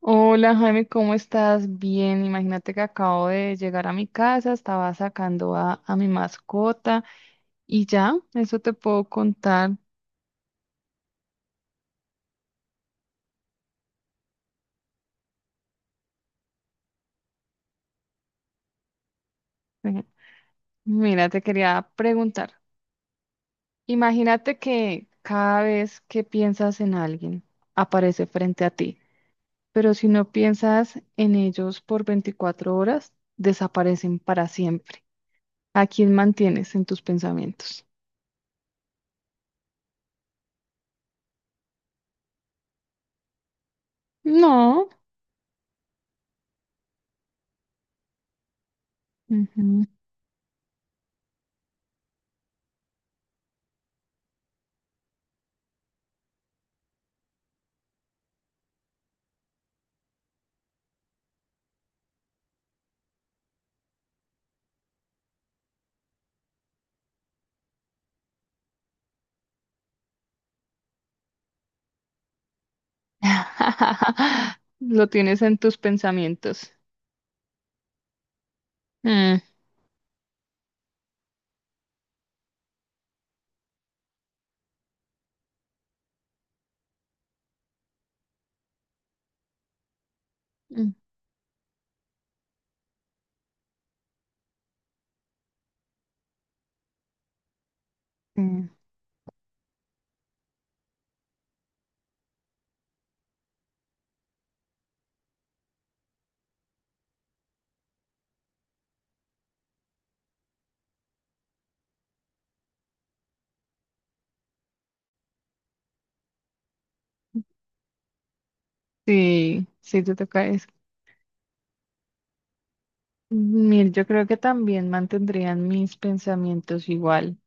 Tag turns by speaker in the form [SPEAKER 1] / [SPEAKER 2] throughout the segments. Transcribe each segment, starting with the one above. [SPEAKER 1] Hola Jaime, ¿cómo estás? Bien, imagínate que acabo de llegar a mi casa, estaba sacando a mi mascota y ya, eso te puedo contar. Ujú. Mira, te quería preguntar, imagínate que cada vez que piensas en alguien, aparece frente a ti, pero si no piensas en ellos por 24 horas, desaparecen para siempre. ¿A quién mantienes en tus pensamientos? No. Lo tienes en tus pensamientos. Mm, mm, mm. Sí, sí, te toca eso. Mir, yo creo que también mantendrían mis pensamientos igual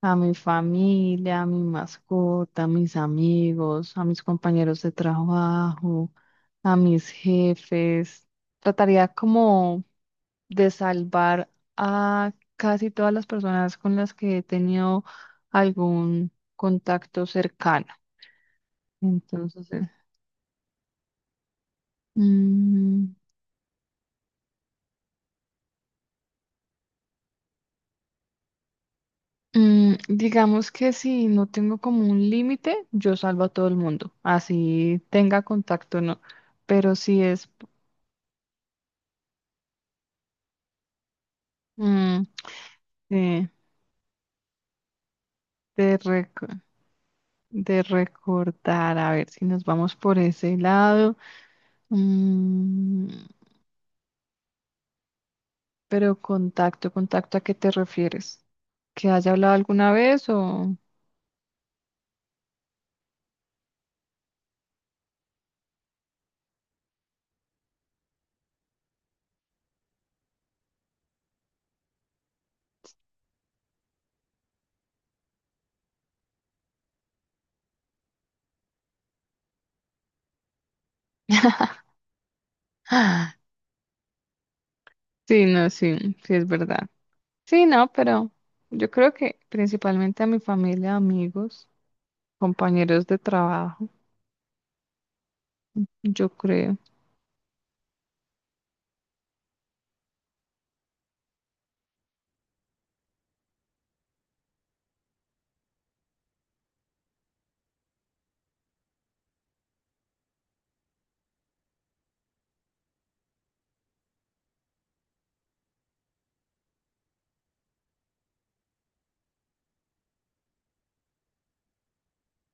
[SPEAKER 1] a mi familia, a mi mascota, a mis amigos, a mis compañeros de trabajo, a mis jefes. Trataría como de salvar a casi todas las personas con las que he tenido algún contacto cercano. Entonces, mm, digamos que si no tengo como un límite, yo salvo a todo el mundo, así tenga contacto o no. Pero si es mm, eh, de, de recordar, a ver si nos vamos por ese lado. Mm, pero contacto, contacto, ¿a qué te refieres? ¿Que haya hablado alguna vez o...? Ah, sí, no, sí, sí es verdad. Sí, no, pero yo creo que principalmente a mi familia, amigos, compañeros de trabajo, yo creo.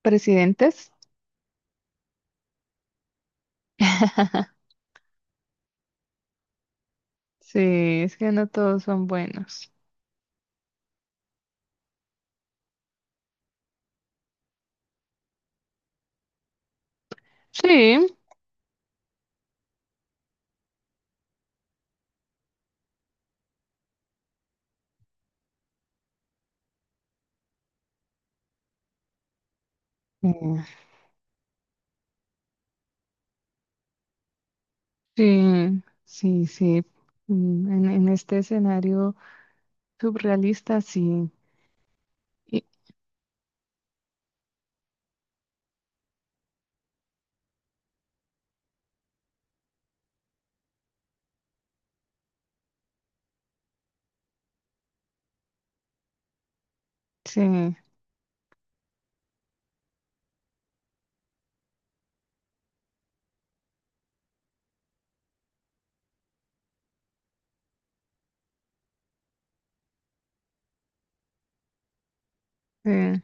[SPEAKER 1] Presidentes. Sí, es que no todos son buenos. Sí. Mm. Sí, sí, sí. Mm. En este escenario surrealista, sí. Y sí, sí.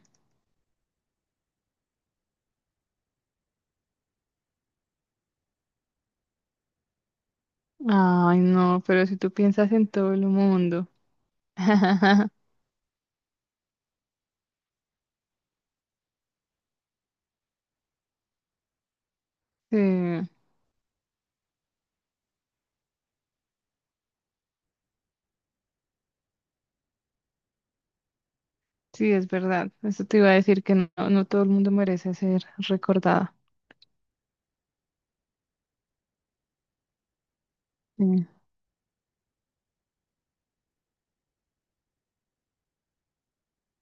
[SPEAKER 1] Ay, no, pero si tú piensas en todo el mundo. Sí. Sí, es verdad. Eso te iba a decir que no, no todo el mundo merece ser recordado. Mm.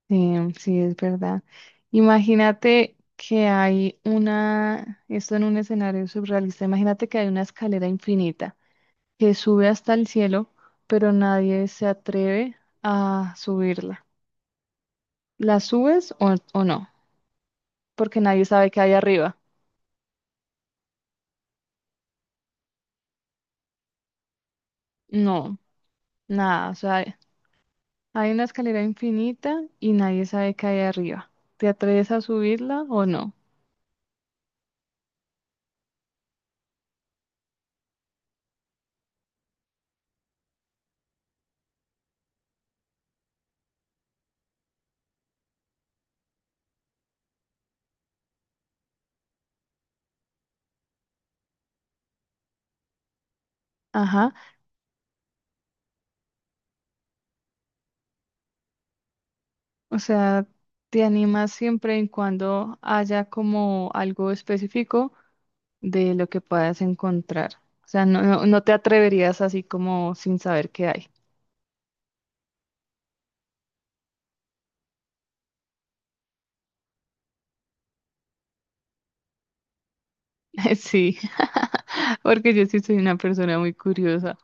[SPEAKER 1] Sí, es verdad. Imagínate que hay una, esto en un escenario surrealista, imagínate que hay una escalera infinita que sube hasta el cielo, pero nadie se atreve a subirla. ¿La subes o no? Porque nadie sabe qué hay arriba. No, nada. O sea, hay una escalera infinita y nadie sabe qué hay arriba. ¿Te atreves a subirla o no? Ajá, o sea, te animas siempre y cuando haya como algo específico de lo que puedas encontrar. O sea, no, no, no te atreverías así como sin saber qué hay. Sí, porque yo sí soy una persona muy curiosa.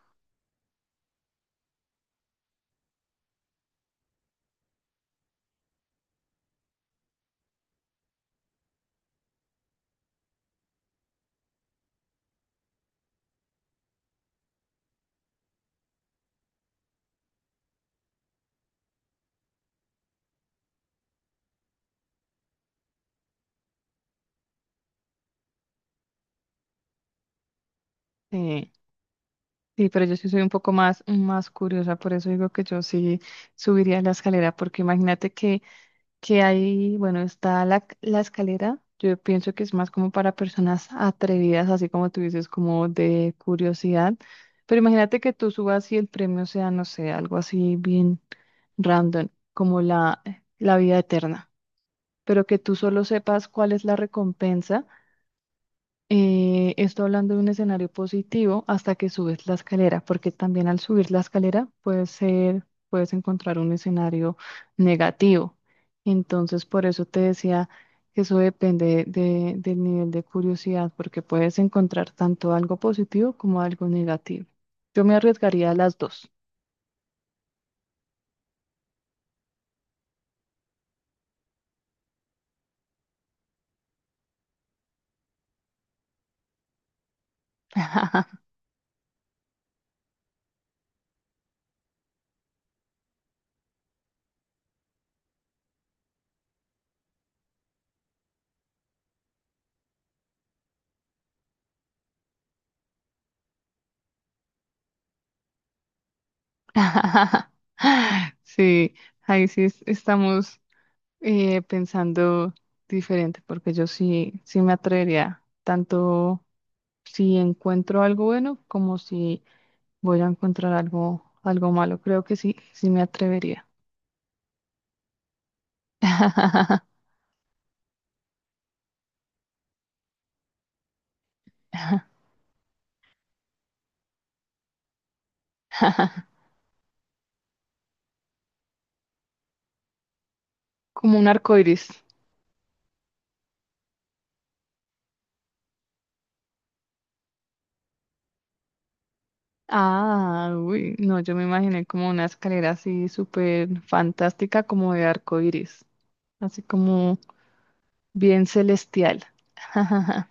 [SPEAKER 1] Sí, sí, pero yo sí soy un poco más, más curiosa, por eso digo que yo sí subiría la escalera, porque imagínate que está la escalera. Yo pienso que es más como para personas atrevidas, así como tú dices, como de curiosidad. Pero imagínate que tú subas y el premio sea, no sé, algo así bien random, como la vida eterna, pero que tú solo sepas cuál es la recompensa. Esto hablando de un escenario positivo hasta que subes la escalera, porque también al subir la escalera puede ser, puedes encontrar un escenario negativo. Entonces, por eso te decía que eso depende del nivel de curiosidad, porque puedes encontrar tanto algo positivo como algo negativo. Yo me arriesgaría a las dos. Sí, ahí sí estamos pensando diferente, porque yo sí, sí me atrevería, tanto si encuentro algo bueno como si voy a encontrar algo, algo malo. Creo que sí, sí me atrevería. Como un arco iris. Ah, uy, no, yo me imaginé como una escalera así súper fantástica, como de arco iris, así como bien celestial.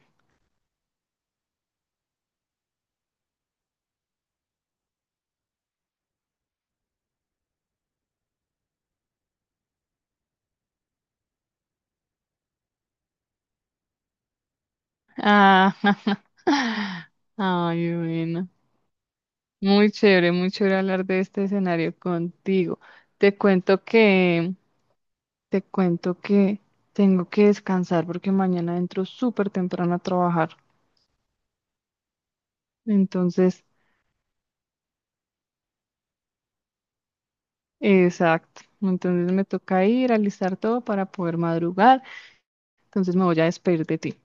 [SPEAKER 1] Ah, ay, bueno. Muy chévere hablar de este escenario contigo. Te cuento que, te cuento que tengo que descansar porque mañana entro súper temprano a trabajar. Entonces, exacto. Entonces me toca ir, a alistar todo para poder madrugar. Entonces me voy a despedir de ti.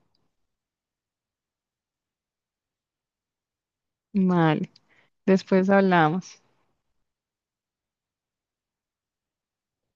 [SPEAKER 1] Vale, después hablamos.